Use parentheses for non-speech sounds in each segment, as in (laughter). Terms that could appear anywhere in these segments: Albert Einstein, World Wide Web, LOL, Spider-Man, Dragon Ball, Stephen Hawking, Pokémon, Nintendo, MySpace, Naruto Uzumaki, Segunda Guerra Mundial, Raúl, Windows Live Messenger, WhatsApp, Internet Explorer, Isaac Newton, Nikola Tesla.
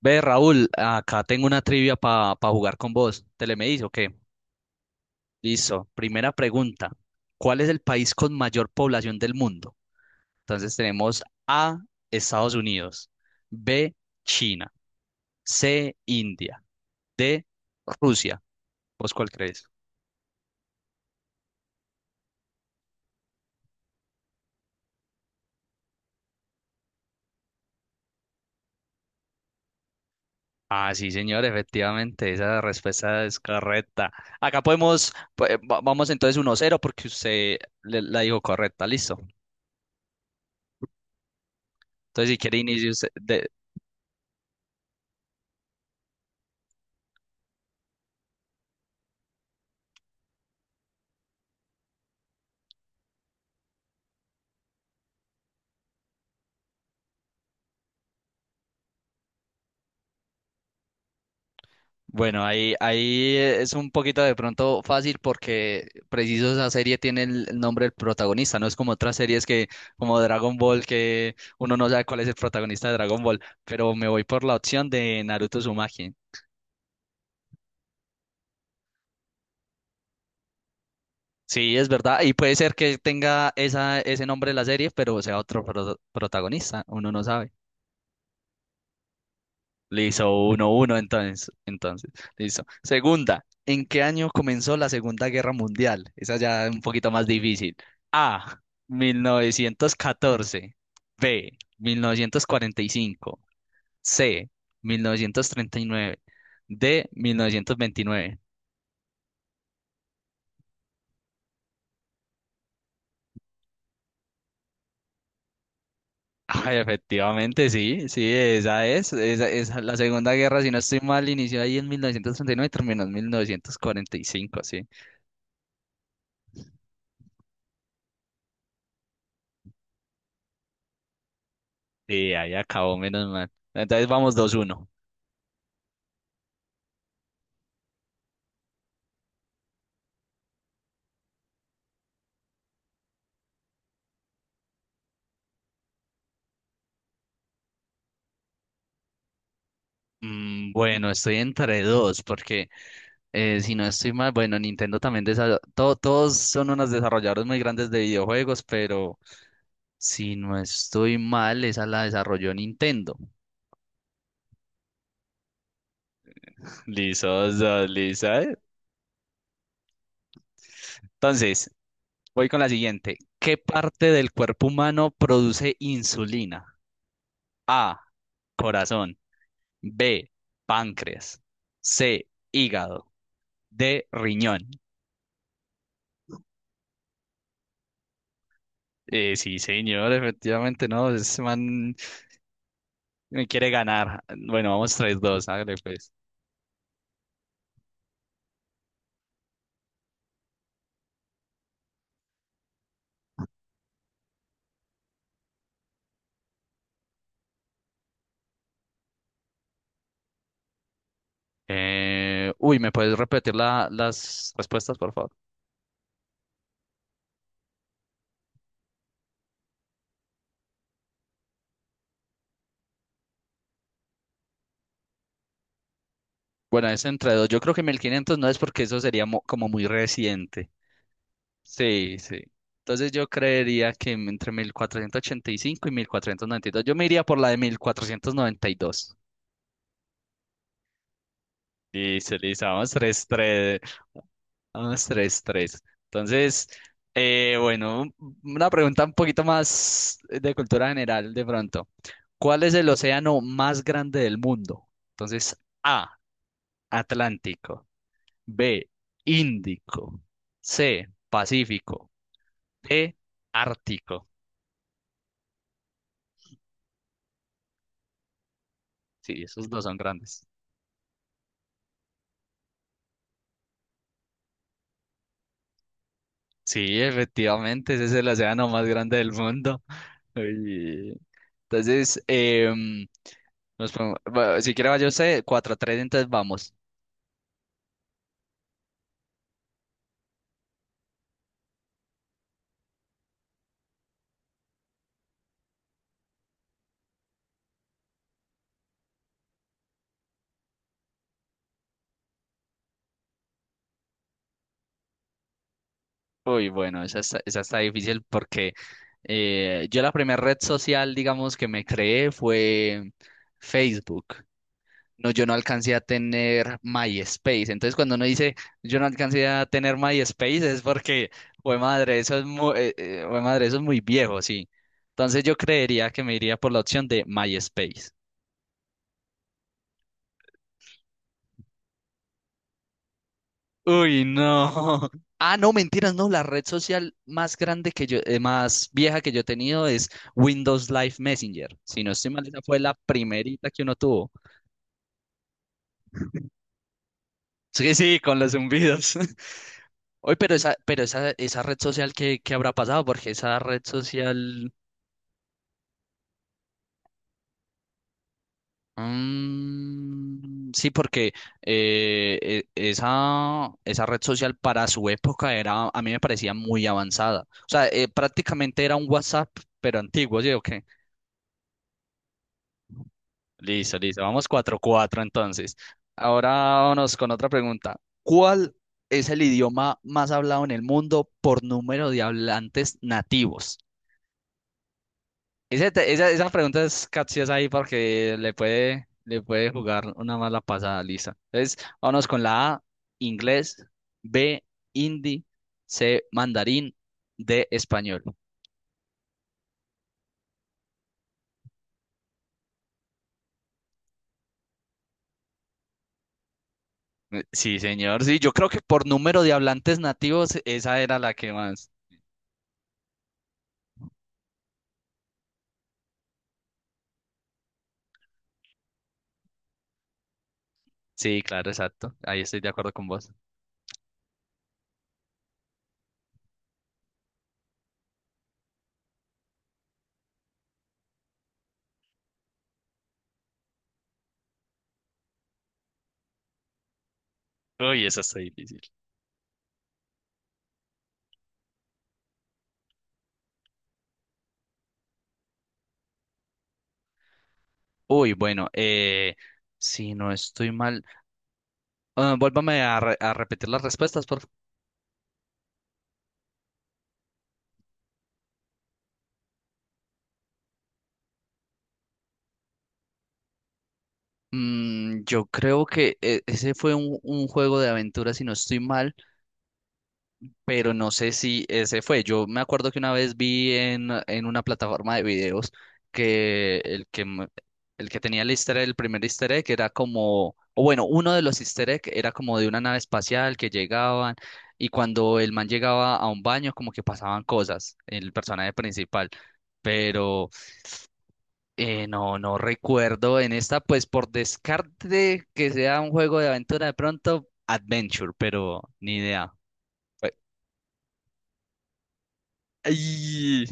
Ve, Raúl, acá tengo una trivia para jugar con vos. ¿Te le me dice o qué? Listo. Primera pregunta. ¿Cuál es el país con mayor población del mundo? Entonces tenemos A, Estados Unidos, B, China, C, India, D, Rusia. ¿Vos cuál crees? Ah, sí, señor, efectivamente, esa respuesta es correcta. Acá podemos, pues, vamos entonces uno cero porque usted la dijo correcta, listo. Entonces, si quiere inicio, usted. Bueno, ahí es un poquito de pronto fácil porque preciso esa serie tiene el nombre del protagonista, no es como otras series que, como Dragon Ball, que uno no sabe cuál es el protagonista de Dragon Ball, pero me voy por la opción de Naruto Uzumaki. Sí, es verdad, y puede ser que tenga esa, ese nombre de la serie, pero sea otro protagonista, uno no sabe. Le hizo uno 1 entonces. Listo. Segunda, ¿en qué año comenzó la Segunda Guerra Mundial? Esa ya es un poquito más difícil. A, mil novecientos catorce, B, mil novecientos cuarenta y cinco, C, mil novecientos treinta y nueve, D, mil novecientos veintinueve. Ay, efectivamente, sí, sí, esa es, la Segunda Guerra, si no estoy mal, inició ahí en mil novecientos treinta y nueve y terminó en mil novecientos cuarenta y cinco, sí. Sí, ahí acabó, menos mal. Entonces vamos dos uno. Bueno, estoy entre dos, porque si no estoy mal, bueno, Nintendo también todos son unos desarrolladores muy grandes de videojuegos, pero si no estoy mal, esa la desarrolló Nintendo. (laughs) Lisos, lisa. Entonces, voy con la siguiente. ¿Qué parte del cuerpo humano produce insulina? A, corazón, B, páncreas, C, hígado, D, riñón. Sí, señor, efectivamente, no, es man. Me quiere ganar. Bueno, vamos tres, dos, hágale pues. ¿Me puedes repetir las respuestas, por favor? Bueno, es entre dos. Yo creo que 1500 no es porque eso sería como muy reciente. Sí, sí. Entonces yo creería que entre mil cuatrocientos ochenta y cinco y mil cuatrocientos noventa y dos. Yo me iría por la de 1492. Listo, listo, vamos tres, tres. Vamos, tres, tres. Entonces, bueno, una pregunta un poquito más de cultura general de pronto. ¿Cuál es el océano más grande del mundo? Entonces, A, Atlántico, B, Índico, C, Pacífico, D, Ártico. Sí, esos dos son grandes. Sí, efectivamente, ese es el océano más grande del mundo. (laughs) Uy. Entonces, bueno, si quiere vaya usted, cuatro a tres, entonces vamos. Bueno, esa está difícil porque yo la primera red social, digamos, que me creé fue Facebook. No, yo no alcancé a tener MySpace. Entonces, cuando uno dice yo no alcancé a tener MySpace, es porque, güey madre, eso es muy, madre, eso es muy viejo, sí. Entonces, yo creería que me iría por la opción de MySpace. Uy, no. (laughs) Ah, no, mentiras, no. La red social más grande que yo, más vieja que yo he tenido es Windows Live Messenger. Si no estoy mal, esa fue la primerita que uno tuvo. Sí, sí, con los zumbidos. (laughs) Oye, esa red social, ¿qué habrá pasado? Porque esa red social. Sí, porque esa red social para su época era, a mí me parecía muy avanzada. O sea, prácticamente era un WhatsApp, pero antiguo, ¿sí o qué? Listo, listo. Vamos 4-4 entonces. Ahora vámonos con otra pregunta. ¿Cuál es el idioma más hablado en el mundo por número de hablantes nativos? Esa pregunta es capciosa ahí porque le puede jugar una mala pasada, Lisa. Entonces, vámonos con la A, inglés, B, hindi, C, mandarín, D, español. Sí, señor. Sí, yo creo que por número de hablantes nativos, esa era la que más. Sí, claro, exacto. Ahí estoy de acuerdo con vos. Uy, eso está difícil. Bueno, si no estoy mal, vuélvame a, re- a repetir las respuestas, por favor. Yo creo que ese fue un juego de aventura, si no estoy mal. Pero no sé si ese fue. Yo me acuerdo que una vez vi en una plataforma de videos que el que tenía el easter egg, el primer easter egg, era como, o bueno, uno de los easter egg era como de una nave espacial que llegaban y cuando el man llegaba a un baño como que pasaban cosas, el personaje principal. Pero no, no recuerdo en esta, pues por descarte que sea un juego de aventura de pronto, Adventure, pero ni idea. Fue- Ay.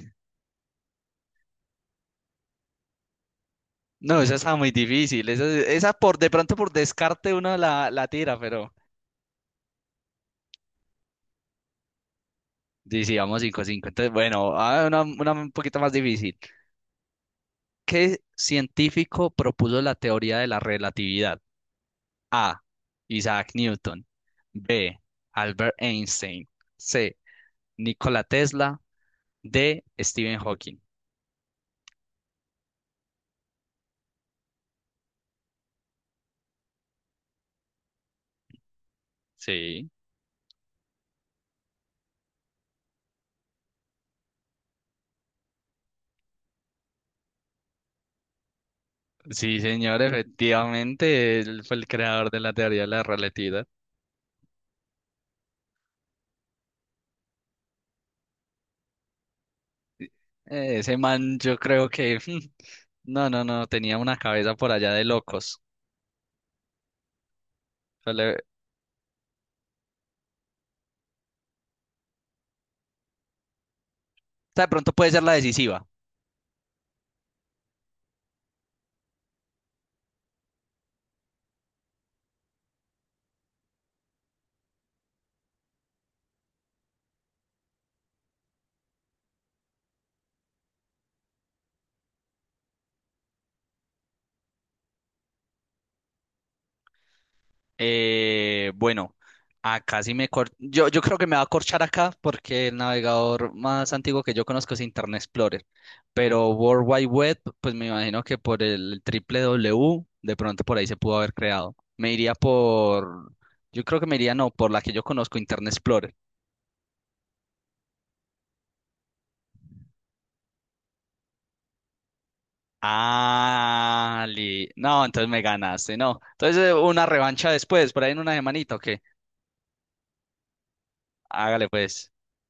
No, esa está muy difícil. Esa por de pronto por descarte uno la tira, pero sí, sí, vamos 5 cinco. Entonces, bueno, ah, una un poquito más difícil. ¿Qué científico propuso la teoría de la relatividad? A. Isaac Newton. B. Albert Einstein. C. Nikola Tesla. D. Stephen Hawking. Sí, sí, señor, efectivamente, él fue el creador de la teoría de la relatividad. Ese man, yo creo que (laughs) no, no, no, tenía una cabeza por allá de locos. O sea, de pronto puede ser la decisiva. Bueno, acá sí me yo creo que me va a corchar acá porque el navegador más antiguo que yo conozco es Internet Explorer. Pero World Wide Web, pues me imagino que por el triple W, de pronto por ahí se pudo haber creado. Me iría por, yo creo que me iría no, por la que yo conozco, Internet Explorer. Ah, no, entonces me ganaste, no. Entonces una revancha después, por ahí en una semanita, ¿o qué? Hágale pues.